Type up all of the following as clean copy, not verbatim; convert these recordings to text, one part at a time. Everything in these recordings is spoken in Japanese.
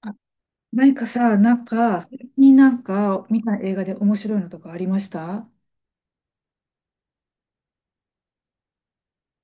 あ。何かさ、なんか、最近見た映画で面白いのとかありました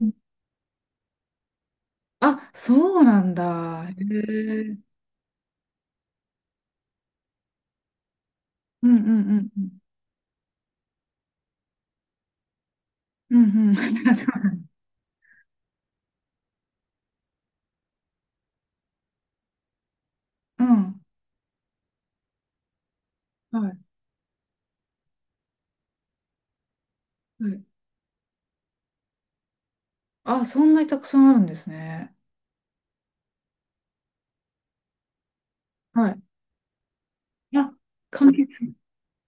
うん。あ、そうなんだ。へえ。うんうんうんうん。うんうん。そうなんだ。うん。はい。はい。あ、そんなにたくさんあるんですね。はい。あ、完結。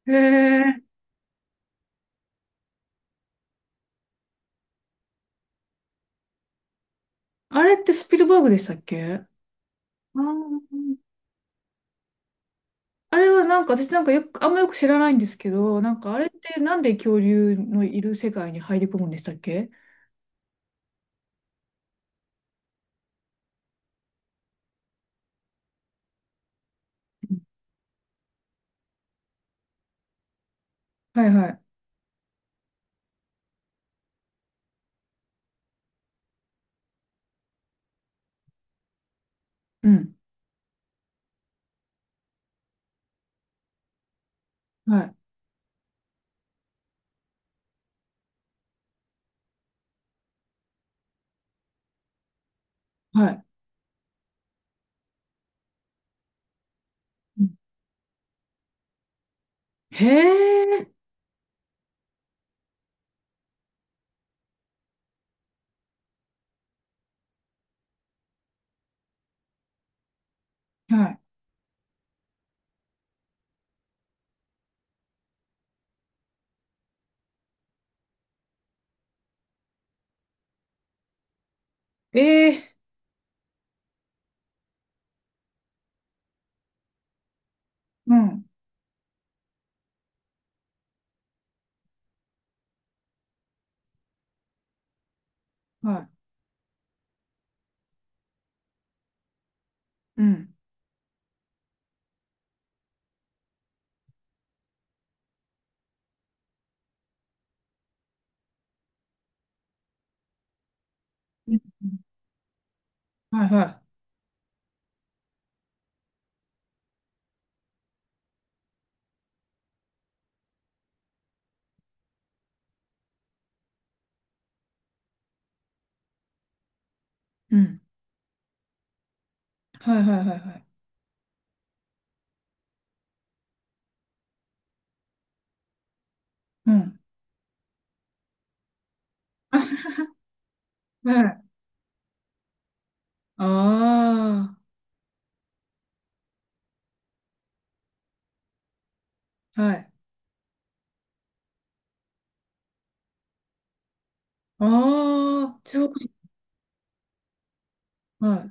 へえ。あれってスピルバーグでしたっけ？あー、あれは私よく、あんまよく知らないんですけど、あれってなんで恐竜のいる世界に入り込むんでしたっけ？うん。はいはい。うん。はいはい。うん。へえ。はい。ええ。うん。はい。うん。うん。はいはい。うん。はいはいはいはい。うん。はい。ああ、はい。ああ、中国。はい、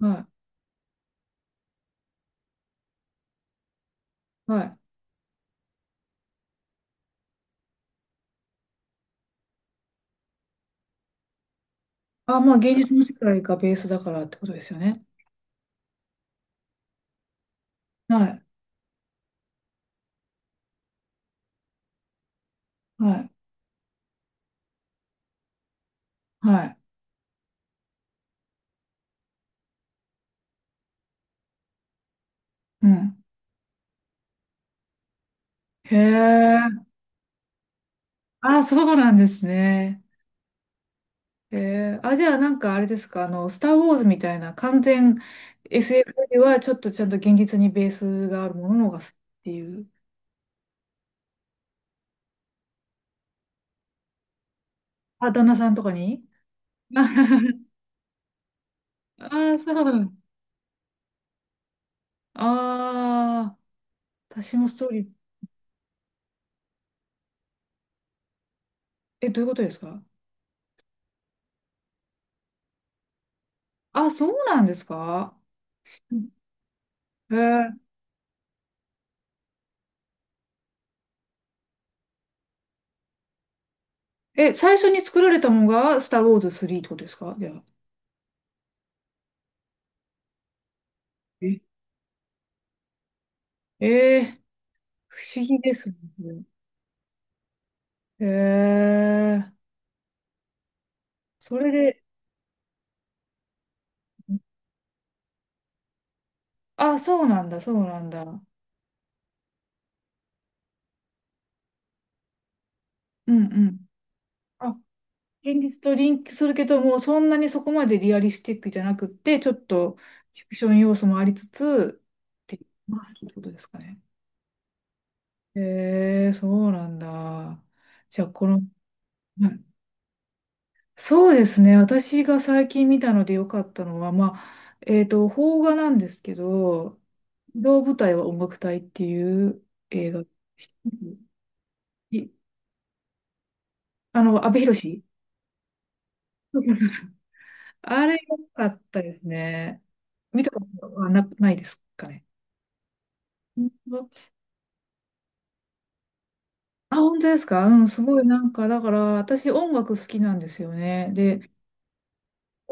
はい、はい。あ、まあ、芸術の世界がベースだからってことですよね。はい、はい、はい。うん。へえ。ああ、そうなんですね。えー、あ、じゃああれですか、あの、スター・ウォーズみたいな完全 SF よりはちょっとちゃんと現実にベースがあるもののが好きっていう。あ、旦那さんとかに。 ああ、そう。ああ、私もストーリー、え、どういうことですか？あ、そうなんですか？うん。えー。え、最初に作られたのがスター・ウォーズ3ってことですかじゃあ。え。えー。不思議ですね。えー、それで、あ、そうなんだ、そうなんだ。うんうん。あ、現実とリンクするけども、そんなにそこまでリアリスティックじゃなくって、ちょっとフィクション要素もありつつ、ってますってことですかね。へえ、そうなんだ。じゃあ、この、はい、そうですね。私が最近見たので良かったのは、まあ、邦画なんですけど、移動舞台は音楽隊っていう映画。い、あの、阿部寛。そうそうそう、あれ良かったですね。見たことはな、ないですかね。本当？あ、本当ですか？うん、すごい、だから私音楽好きなんですよね。で、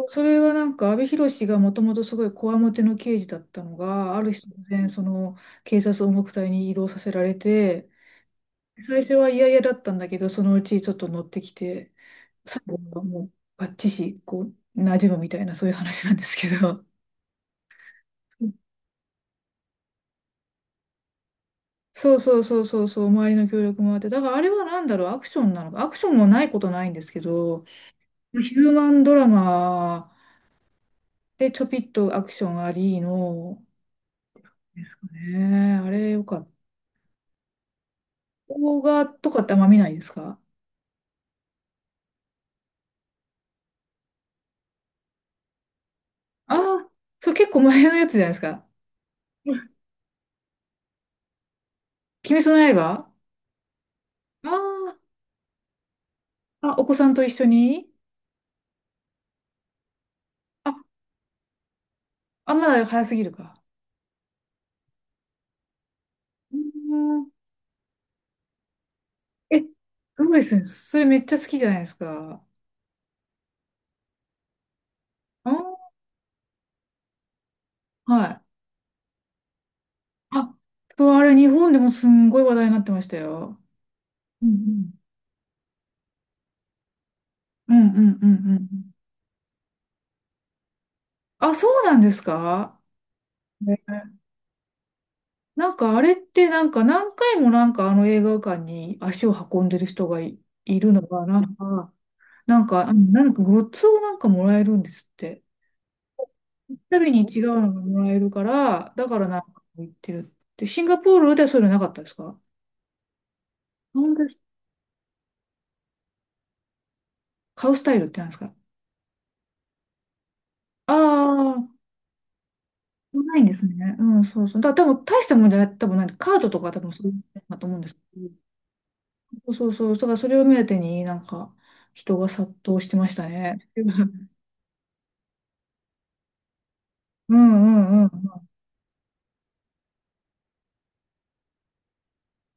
それは、阿部寛がもともとすごいこわもての刑事だったのが、ある日突然、その警察音楽隊に移動させられて、最初は嫌々だったんだけど、そのうちちょっと乗ってきて、最後はもうバッチシ、こう、馴染むみたいな、そういう話なんですけど。そうそうそうそうそう、周りの協力もあって、だからあれはなんだろう、アクションなのか、アクションもないことないんですけど、ヒューマンドラマでちょぴっとアクションありの、ですかね、あれよかった。動画とかってあんま見ないですか？ああ、そう、結構前のやつじゃないですか。鬼滅の刃。ああ、あ、お子さんと一緒に？あ、あ、まだ早すぎるか。うーん。え、すごいですね。それめっちゃ好きじゃないですか。あー、はい。あ、そう、あれ、日本でもすんごい話題になってましたよ。うんうんうんうんうんうん。あ、そうなんですか？ね、あれって何回もあの映画館に足を運んでる人がい、いるのが、うん、グッズをもらえるんですって。たびに違うのがもらえるから、だから言ってるって。シンガポールではそういうのなかったですか？なんで買うスタイルってなんですか？ああ、ないんですね。うん、そうそう。だ、多分大したもんじゃない、多分なんで、カードとか多分そうう、だと思うんですけど。そうそうそう。だからそれを目当てに人が殺到してましたね。うんうんうん。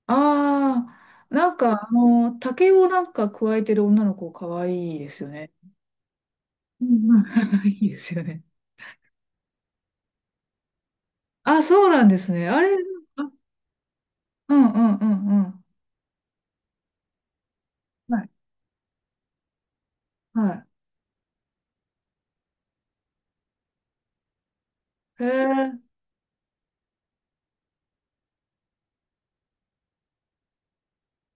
ああ、竹を加えてる女の子可愛いですよね。うんうん。いいですよね。あ、そうなんですね。あれ、あ。うんうんうんうん。はい。はい。へえ。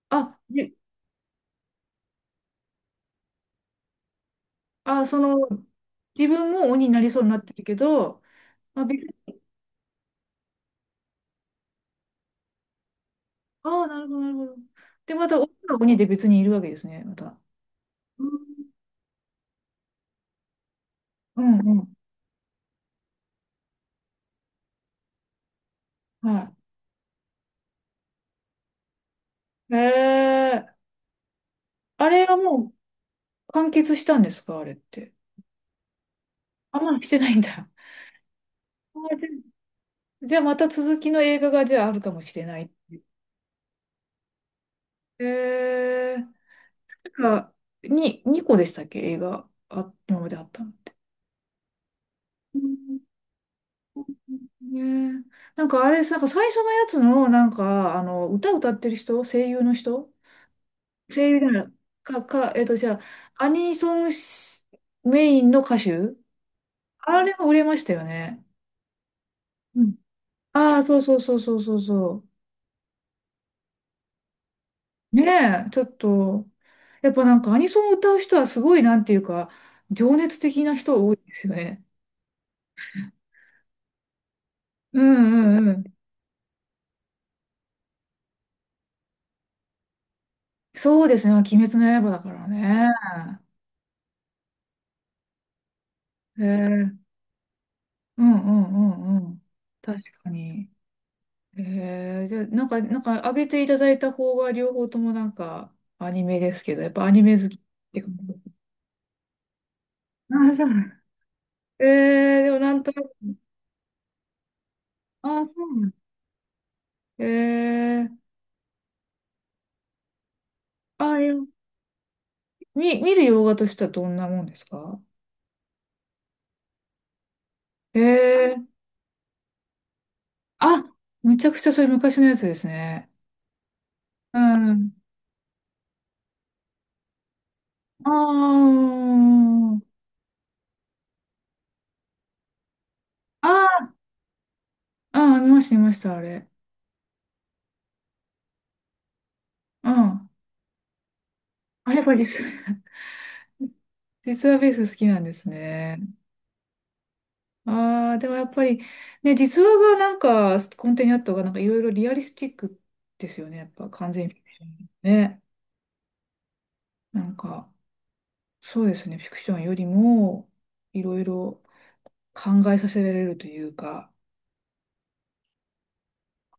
あ、で、あ、その、自分も鬼になりそうになってるけど、まあ、別。ああ、なるほど、なるほど。で、また、女の子にで別にいるわけですね、また。うん、うん、はい。へえ、あれはもう完結したんですか、あれって？あ、まあ、してないんだ。あで、じゃあ、また続きの映画が、じゃあ、あるかもしれない。へえ、か、に、2個でしたっけ、映画、あ、今まであったのって。うん。ねえ、あれ、最初のやつの、あの、歌歌ってる人、声優の人、声優じゃない。か、か、じゃあ、アニソンし、メインの歌手、あれも売れましたよね。うん。ああ、そうそうそうそうそうそう。ねえ、ちょっと、やっぱアニソンを歌う人はすごい、なんていうか、情熱的な人多いですよね。うんうんうん。そうですね、鬼滅の刃だからね。ええ。うんうんうんうん。確かに。へえ、じゃあ、上げていただいた方が、両方とも、アニメですけど、やっぱアニメ好きって感じ。あ、そう。ええ、でもなんとなく、あ、そうなんだ。えー、あ、いや、見、見る洋画としてはどんなもんですか？ええ。あ、めちゃくちゃそれ昔のやつですね。うん。ああ、ああ、ああ、見ました、見ました、あれ。うん。あ、やっぱ実、実はベース好きなんですね。ああ、でもやっぱり、ね、実話が、コンテにあった方が、なんかいろいろリアリスティックですよね。やっぱ完全フィクションね。なんか、そうですね。フィクションよりも、いろいろ考えさせられるというか、